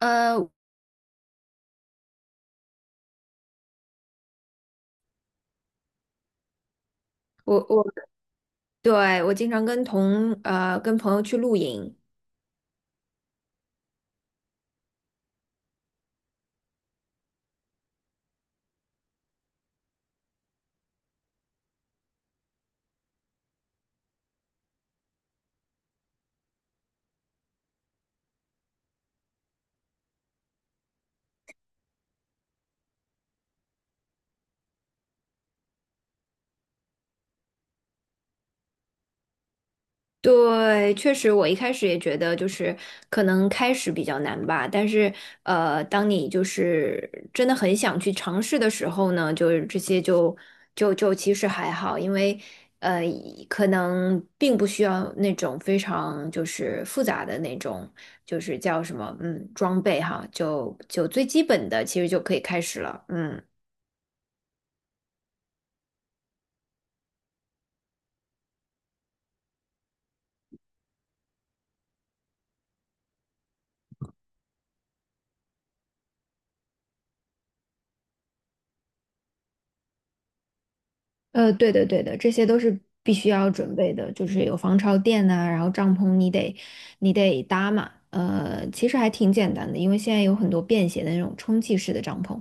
呃，我我对，我经常跟朋友去露营。对，确实我一开始也觉得就是可能开始比较难吧，但是当你就是真的很想去尝试的时候呢，就是这些就其实还好，因为呃可能并不需要那种非常就是复杂的那种就是叫什么装备哈，就最基本的其实就可以开始了，嗯。对的，对的，这些都是必须要准备的，就是有防潮垫呐、然后帐篷你得搭嘛。其实还挺简单的，因为现在有很多便携的那种充气式的帐篷，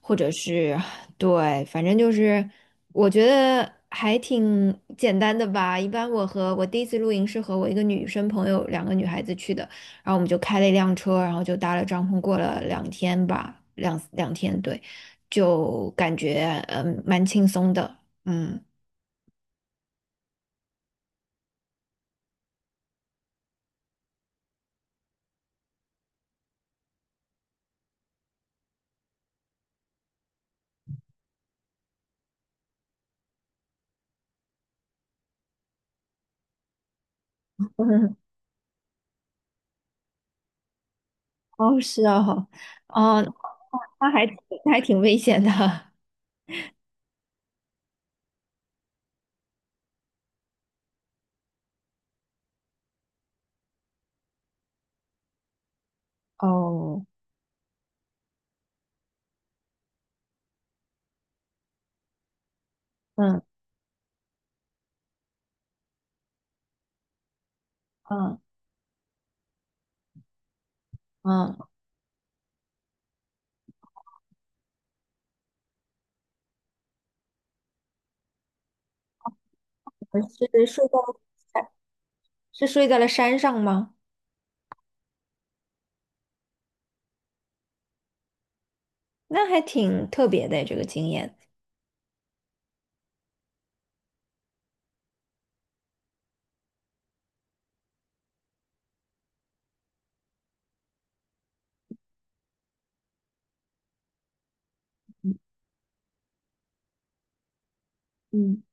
或者是对，反正就是我觉得还挺简单的吧。一般我第一次露营是和我一个女生朋友，2个女孩子去的，然后我们就开了一辆车，然后就搭了帐篷，过了两天吧，两天，对，就感觉蛮轻松的，嗯。嗯，哦，是哦。哦，那还挺那还挺危险的。哦，嗯嗯嗯，我是睡在是睡在了山上吗？那还挺特别的这个经验。嗯嗯，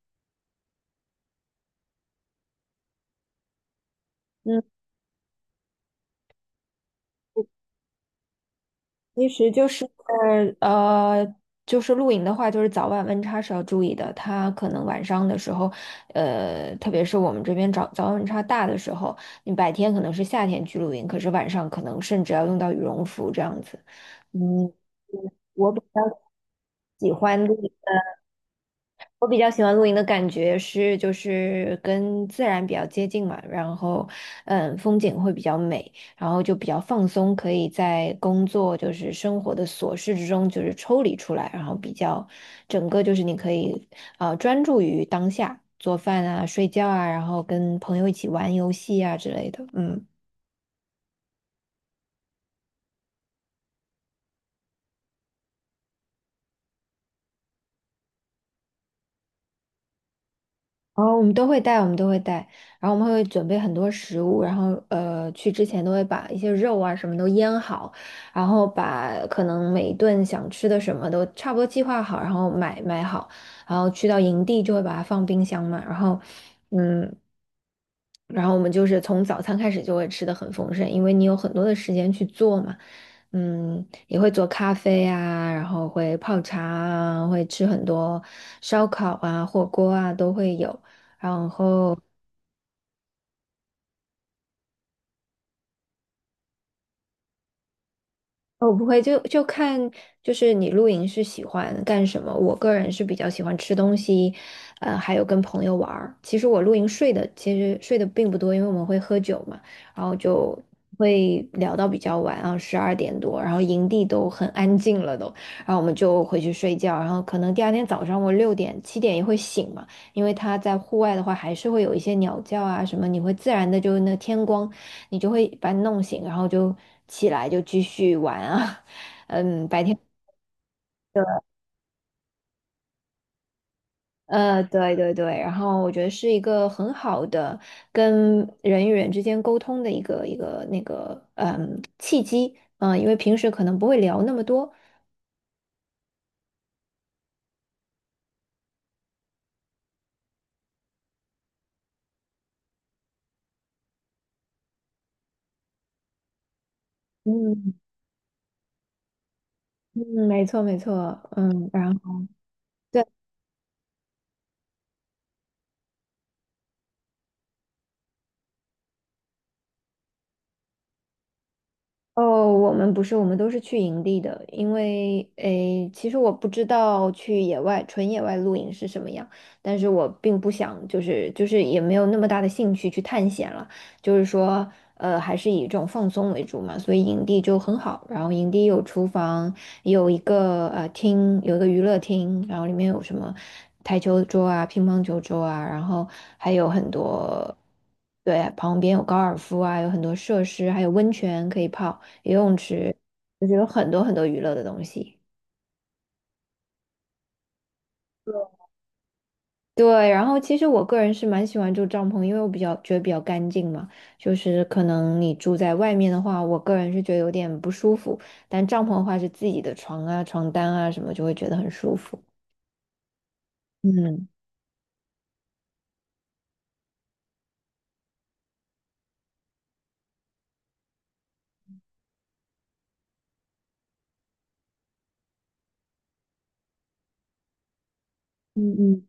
嗯，其实呃，就是露营的话，就是早晚温差是要注意的。它可能晚上的时候，特别是我们这边早早晚温差大的时候，你白天可能是夏天去露营，可是晚上可能甚至要用到羽绒服这样子。嗯，我比较喜欢露营。我比较喜欢露营的感觉是，就是跟自然比较接近嘛。然后嗯，风景会比较美，然后就比较放松，可以在工作就是生活的琐事之中就是抽离出来，然后比较整个就是你可以啊专注于当下，做饭啊、睡觉啊，然后跟朋友一起玩游戏啊之类的，嗯。哦，我们都会带，我们都会带，然后我们会准备很多食物，然后去之前都会把一些肉啊什么都腌好，然后把可能每一顿想吃的什么都差不多计划好，然后买好，然后去到营地就会把它放冰箱嘛，然后嗯，然后我们就是从早餐开始就会吃的很丰盛，因为你有很多的时间去做嘛。嗯，也会做咖啡啊，然后会泡茶啊，会吃很多烧烤啊、火锅啊都会有，然后。哦，不会，就就看，就是你露营是喜欢干什么？我个人是比较喜欢吃东西，还有跟朋友玩儿。其实我露营睡的其实睡的并不多，因为我们会喝酒嘛，然后就会聊到比较晚啊，十二点多，然后营地都很安静了都，然后我们就回去睡觉，然后可能第二天早上我6点7点也会醒嘛，因为他在户外的话还是会有一些鸟叫啊什么，你会自然的就那天光你就会把你弄醒，然后就起来就继续玩啊。嗯，白天。对对对，然后我觉得是一个很好的跟人与人之间沟通的一个契机。嗯，因为平时可能不会聊那么多。嗯嗯，没错没错，嗯，然后。对。哦，我们不是，我们都是去营地的，因为诶，其实我不知道去野外纯野外露营是什么样，但是我并不想，就是也没有那么大的兴趣去探险了，就是说，还是以这种放松为主嘛，所以营地就很好，然后营地有厨房，有一个厅，有一个娱乐厅，然后里面有什么台球桌啊、乒乓球桌啊，然后还有很多。对，旁边有高尔夫啊，有很多设施，还有温泉可以泡。游泳池，就是有很多很多娱乐的东西。对，然后其实我个人是蛮喜欢住帐篷，因为我比较觉得比较干净嘛。就是可能你住在外面的话，我个人是觉得有点不舒服，但帐篷的话是自己的床啊、床单啊什么，就会觉得很舒服。嗯。嗯嗯，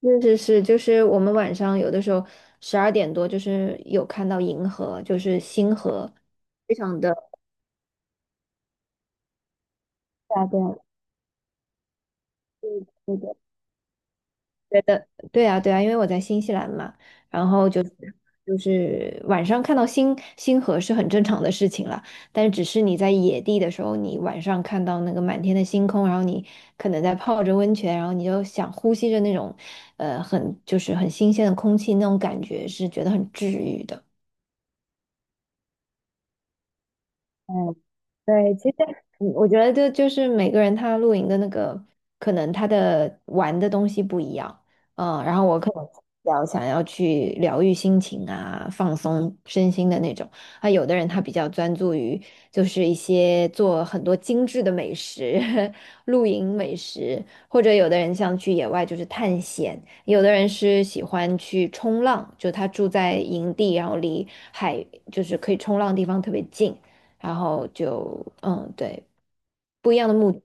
是是是，就是我们晚上有的时候十二点多，就是有看到银河，就是星河，非常的。对啊对啊，对对对对啊，对啊，因为我在新西兰嘛，然后就是就是晚上看到星星河是很正常的事情了，但是只是你在野地的时候，你晚上看到那个满天的星空，然后你可能在泡着温泉，然后你就想呼吸着那种，很就是很新鲜的空气，那种感觉是觉得很治愈的。嗯，对，其实我觉得这就是每个人他露营的那个，可能他的玩的东西不一样。嗯，然后我可能比较想要去疗愈心情啊，放松身心的那种。啊，有的人他比较专注于就是一些做很多精致的美食，露营美食，或者有的人像去野外就是探险，有的人是喜欢去冲浪，就他住在营地，然后离海就是可以冲浪的地方特别近。然后就嗯，对，不一样的目的。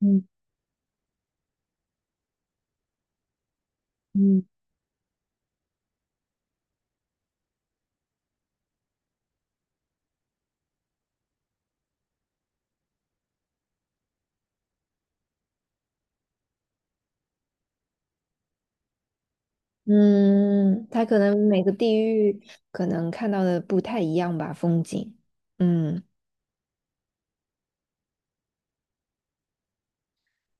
嗯嗯嗯，他可能每个地域可能看到的不太一样吧，风景。嗯。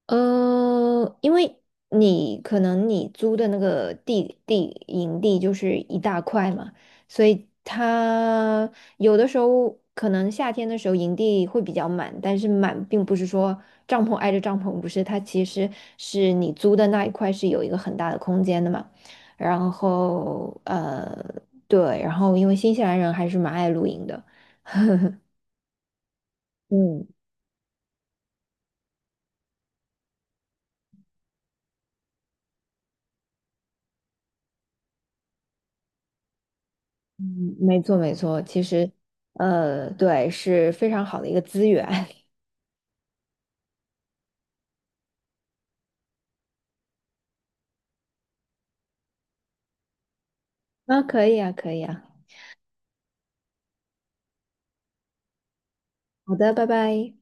因为你可能你租的那个营地就是一大块嘛，所以它有的时候可能夏天的时候营地会比较满，但是满并不是说帐篷挨着帐篷，不是，它其实是你租的那一块是有一个很大的空间的嘛。然后对，然后因为新西兰人还是蛮爱露营的。嗯，嗯，没错没错，其实，对，是非常好的一个资源。啊，可以啊，可以啊，好的，拜拜。